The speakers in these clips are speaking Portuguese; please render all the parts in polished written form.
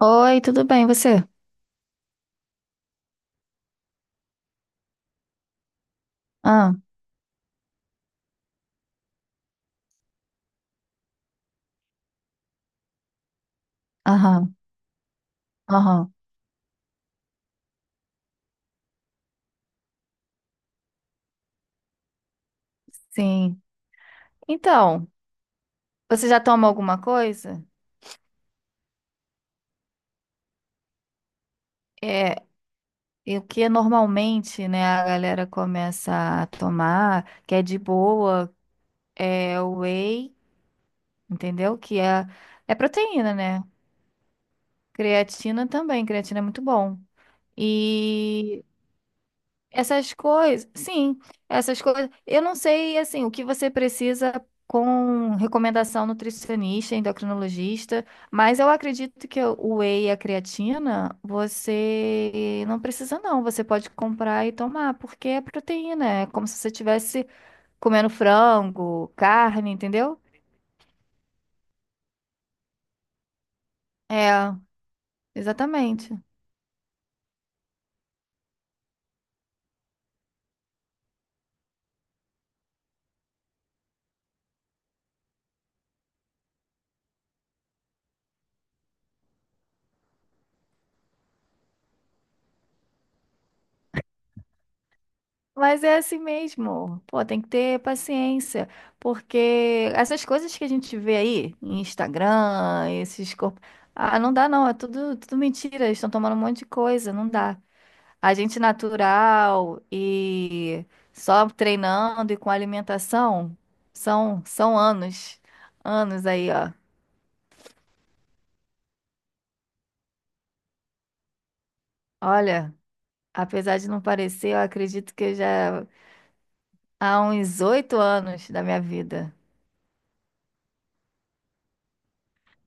Oi, tudo bem, você? Ah, aham, aham, sim. Então, você já toma alguma coisa? É, e o que é normalmente, né, a galera começa a tomar, que é de boa, é o whey, entendeu? É proteína, né? Creatina também, creatina é muito bom. E Essas coisas, sim, essas coisas. Eu não sei, assim, o que você precisa com recomendação nutricionista, endocrinologista, mas eu acredito que o whey e a creatina, você não precisa não, você pode comprar e tomar, porque é proteína, é como se você estivesse comendo frango, carne, entendeu? É, exatamente. Mas é assim mesmo. Pô, tem que ter paciência, porque essas coisas que a gente vê aí, em Instagram, esses corpos. Ah, não dá não, é tudo mentira, eles estão tomando um monte de coisa, não dá. A gente natural e só treinando e com alimentação, são anos, anos aí, ó. Olha, apesar de não parecer, eu acredito que eu já há uns 8 anos da minha vida.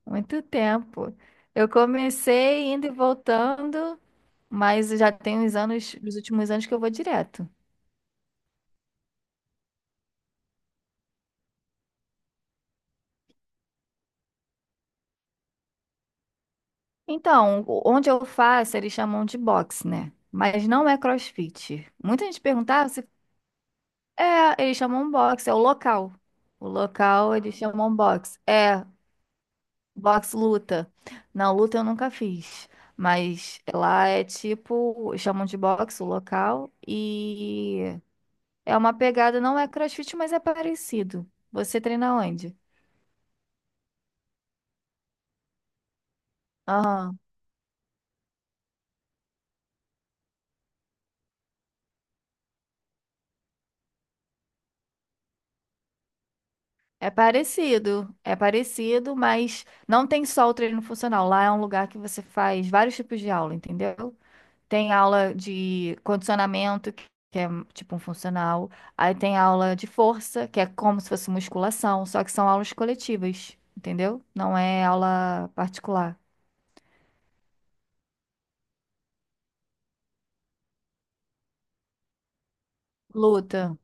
Muito tempo. Eu comecei indo e voltando, mas já tem uns anos, nos últimos anos que eu vou direto. Então, onde eu faço, eles chamam de boxe, né? Mas não é CrossFit. Muita gente perguntava se é, eles chamam boxe, é o local. O local eles chamam boxe. É, boxe luta. Não, luta eu nunca fiz. Mas lá é tipo, chamam de boxe o local. É uma pegada, não é CrossFit, mas é parecido. Você treina onde? Aham. É parecido, mas não tem só o treino funcional. Lá é um lugar que você faz vários tipos de aula, entendeu? Tem aula de condicionamento, que é tipo um funcional. Aí tem aula de força, que é como se fosse musculação, só que são aulas coletivas, entendeu? Não é aula particular. Luta.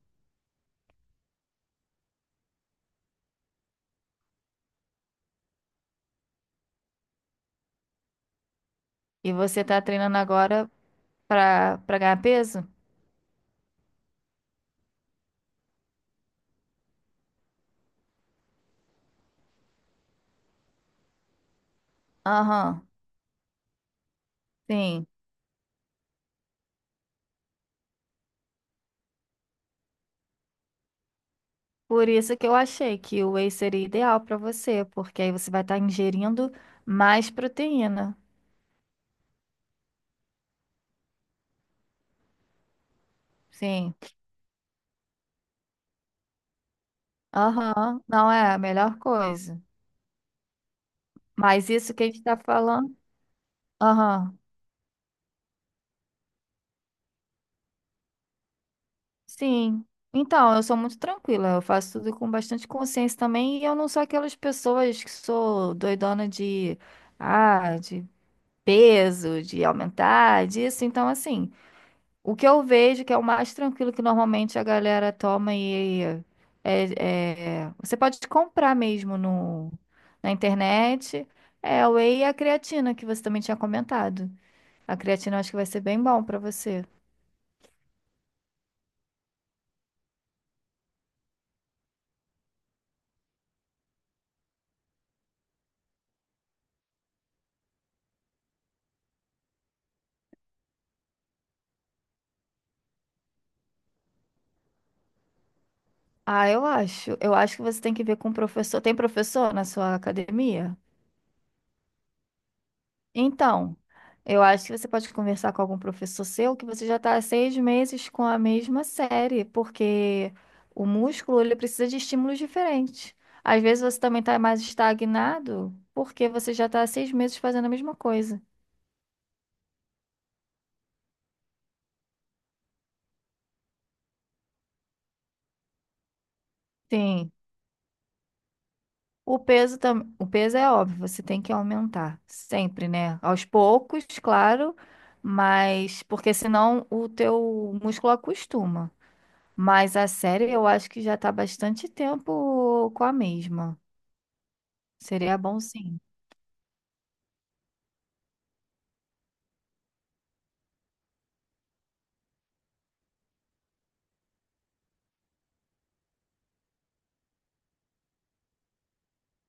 E você tá treinando agora pra ganhar peso? Aham. Sim. Por isso que eu achei que o whey seria ideal para você, porque aí você vai estar ingerindo mais proteína. Sim. Aham. Não é a melhor coisa. Mas isso que a gente está falando. Aham. Sim. Então, eu sou muito tranquila. Eu faço tudo com bastante consciência também. E eu não sou aquelas pessoas que sou doidona de. Ah, de peso, de aumentar, disso. Então, assim. O que eu vejo que é o mais tranquilo que normalmente a galera toma e você pode comprar mesmo no, na internet é o whey e a creatina que você também tinha comentado. A creatina eu acho que vai ser bem bom pra você. Ah, eu acho. Eu acho que você tem que ver com o professor. Tem professor na sua academia? Então, eu acho que você pode conversar com algum professor seu que você já está há 6 meses com a mesma série, porque o músculo ele precisa de estímulos diferentes. Às vezes você também está mais estagnado porque você já está há seis meses fazendo a mesma coisa. Sim, o peso também, o peso é óbvio, você tem que aumentar sempre, né? Aos poucos, claro, mas porque senão o teu músculo acostuma. Mas a série eu acho que já tá bastante tempo com a mesma. Seria bom sim.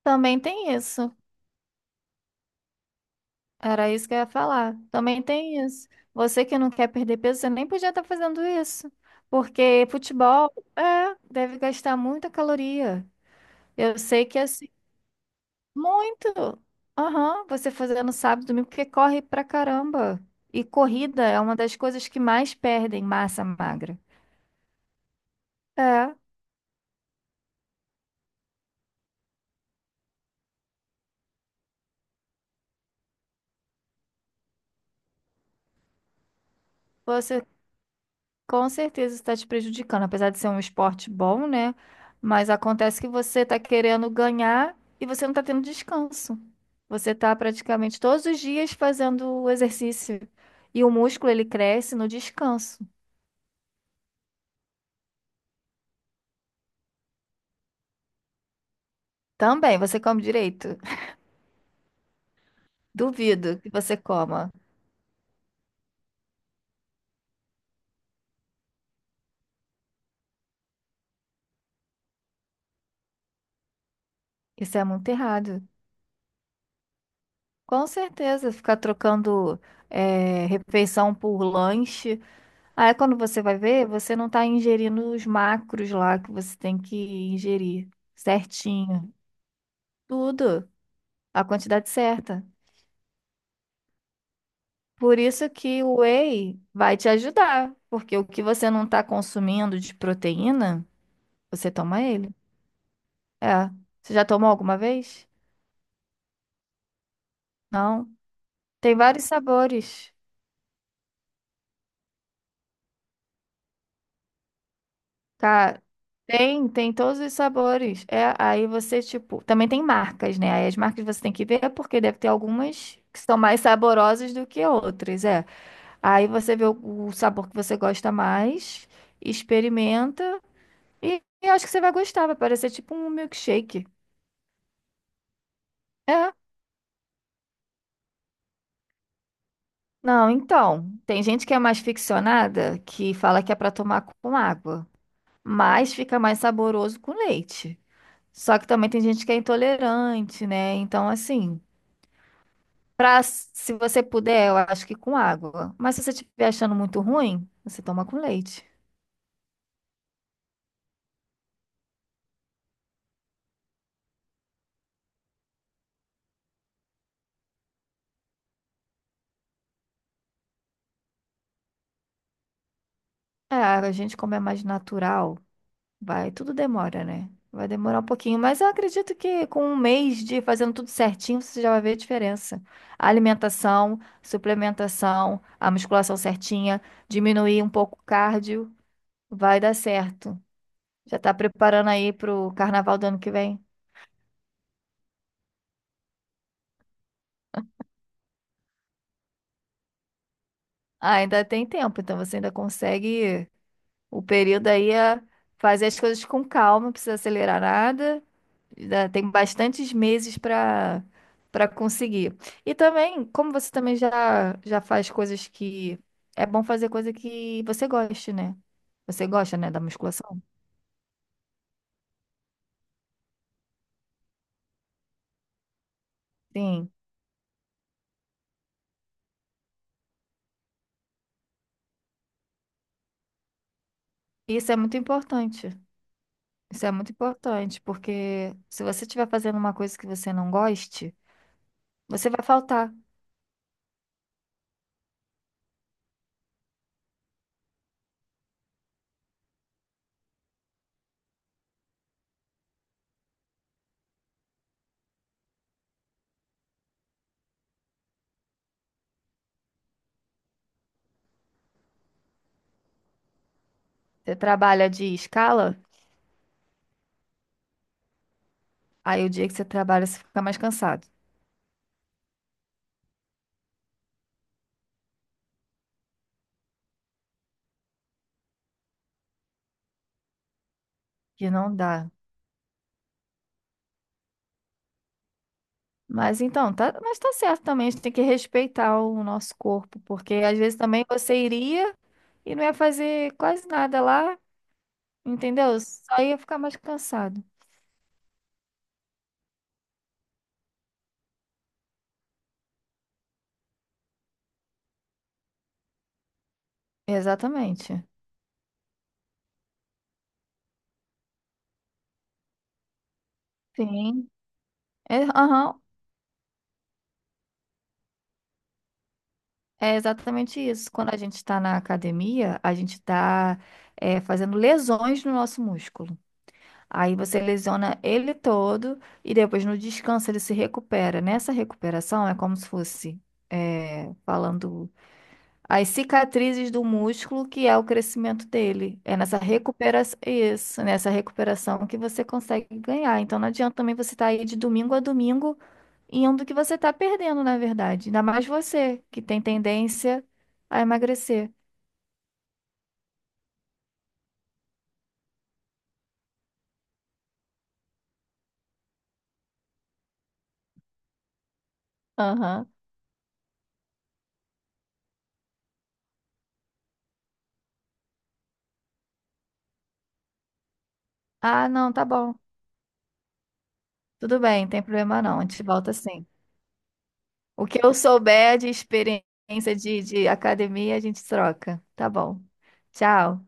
Também tem isso. Era isso que eu ia falar. Também tem isso. Você que não quer perder peso, você nem podia estar fazendo isso. Porque futebol, é, deve gastar muita caloria. Eu sei que assim, muito. Aham, você fazendo sábado, domingo, porque corre pra caramba. E corrida é uma das coisas que mais perdem massa magra. É. Você Com certeza está te prejudicando, apesar de ser um esporte bom, né? Mas acontece que você está querendo ganhar e você não está tendo descanso. Você está praticamente todos os dias fazendo o exercício e o músculo ele cresce no descanso. Também, você come direito? Duvido que você coma. Isso é muito errado. Com certeza, ficar trocando refeição por lanche. Aí quando você vai ver, você não tá ingerindo os macros lá que você tem que ingerir certinho. Tudo, a quantidade certa. Por isso que o whey vai te ajudar, porque o que você não tá consumindo de proteína, você toma ele. É. Você já tomou alguma vez? Não. Tem vários sabores. Tá. Tem, tem todos os sabores. É, aí você, tipo, também tem marcas, né? Aí as marcas você tem que ver, porque deve ter algumas que são mais saborosas do que outras, é. Aí você vê o sabor que você gosta mais, experimenta e acho que você vai gostar, vai parecer tipo um milkshake. É. Não, então, tem gente que é mais ficcionada, que fala que é pra tomar com água, mas fica mais saboroso com leite. Só que também tem gente que é intolerante, né? Então, assim, Pra, se você puder, eu acho que com água. Mas se você estiver achando muito ruim, você toma com leite. É, a gente, como é mais natural, vai, tudo demora, né? Vai demorar um pouquinho, mas eu acredito que com 1 mês de fazendo tudo certinho, você já vai ver a diferença. A alimentação, suplementação, a musculação certinha, diminuir um pouco o cardio, vai dar certo. Já tá preparando aí pro carnaval do ano que vem? Ah, ainda tem tempo, então você ainda consegue. O período aí é fazer as coisas com calma, não precisa acelerar nada. Ainda Tem bastantes meses para conseguir. E também, como você também já faz coisas que. É bom fazer coisa que você goste, né? Você gosta, né, da musculação? Sim. Isso é muito importante. Isso é muito importante, porque se você estiver fazendo uma coisa que você não goste, você vai faltar. Você trabalha de escala, aí o dia que você trabalha, você fica mais cansado. Que não dá. Mas então, tá, mas tá certo também, a gente tem que respeitar o nosso corpo, porque às vezes também você iria e não ia fazer quase nada lá, entendeu? Só ia ficar mais cansado. Exatamente. Sim. É, aham, é exatamente isso. Quando a gente está na academia, a gente está fazendo lesões no nosso músculo. Aí você lesiona ele todo e depois no descanso ele se recupera. Nessa recuperação é como se fosse, é, falando. As cicatrizes do músculo, que é o crescimento dele. É nessa recuperação, isso, nessa recuperação que você consegue ganhar. Então não adianta também você estar aí de domingo a domingo indo que você está perdendo, na verdade. Ainda mais você, que tem tendência a emagrecer. Aham. Ah, não, tá bom. Tudo bem, tem problema não. A gente volta sim. O que eu souber de experiência de academia, a gente troca. Tá bom. Tchau.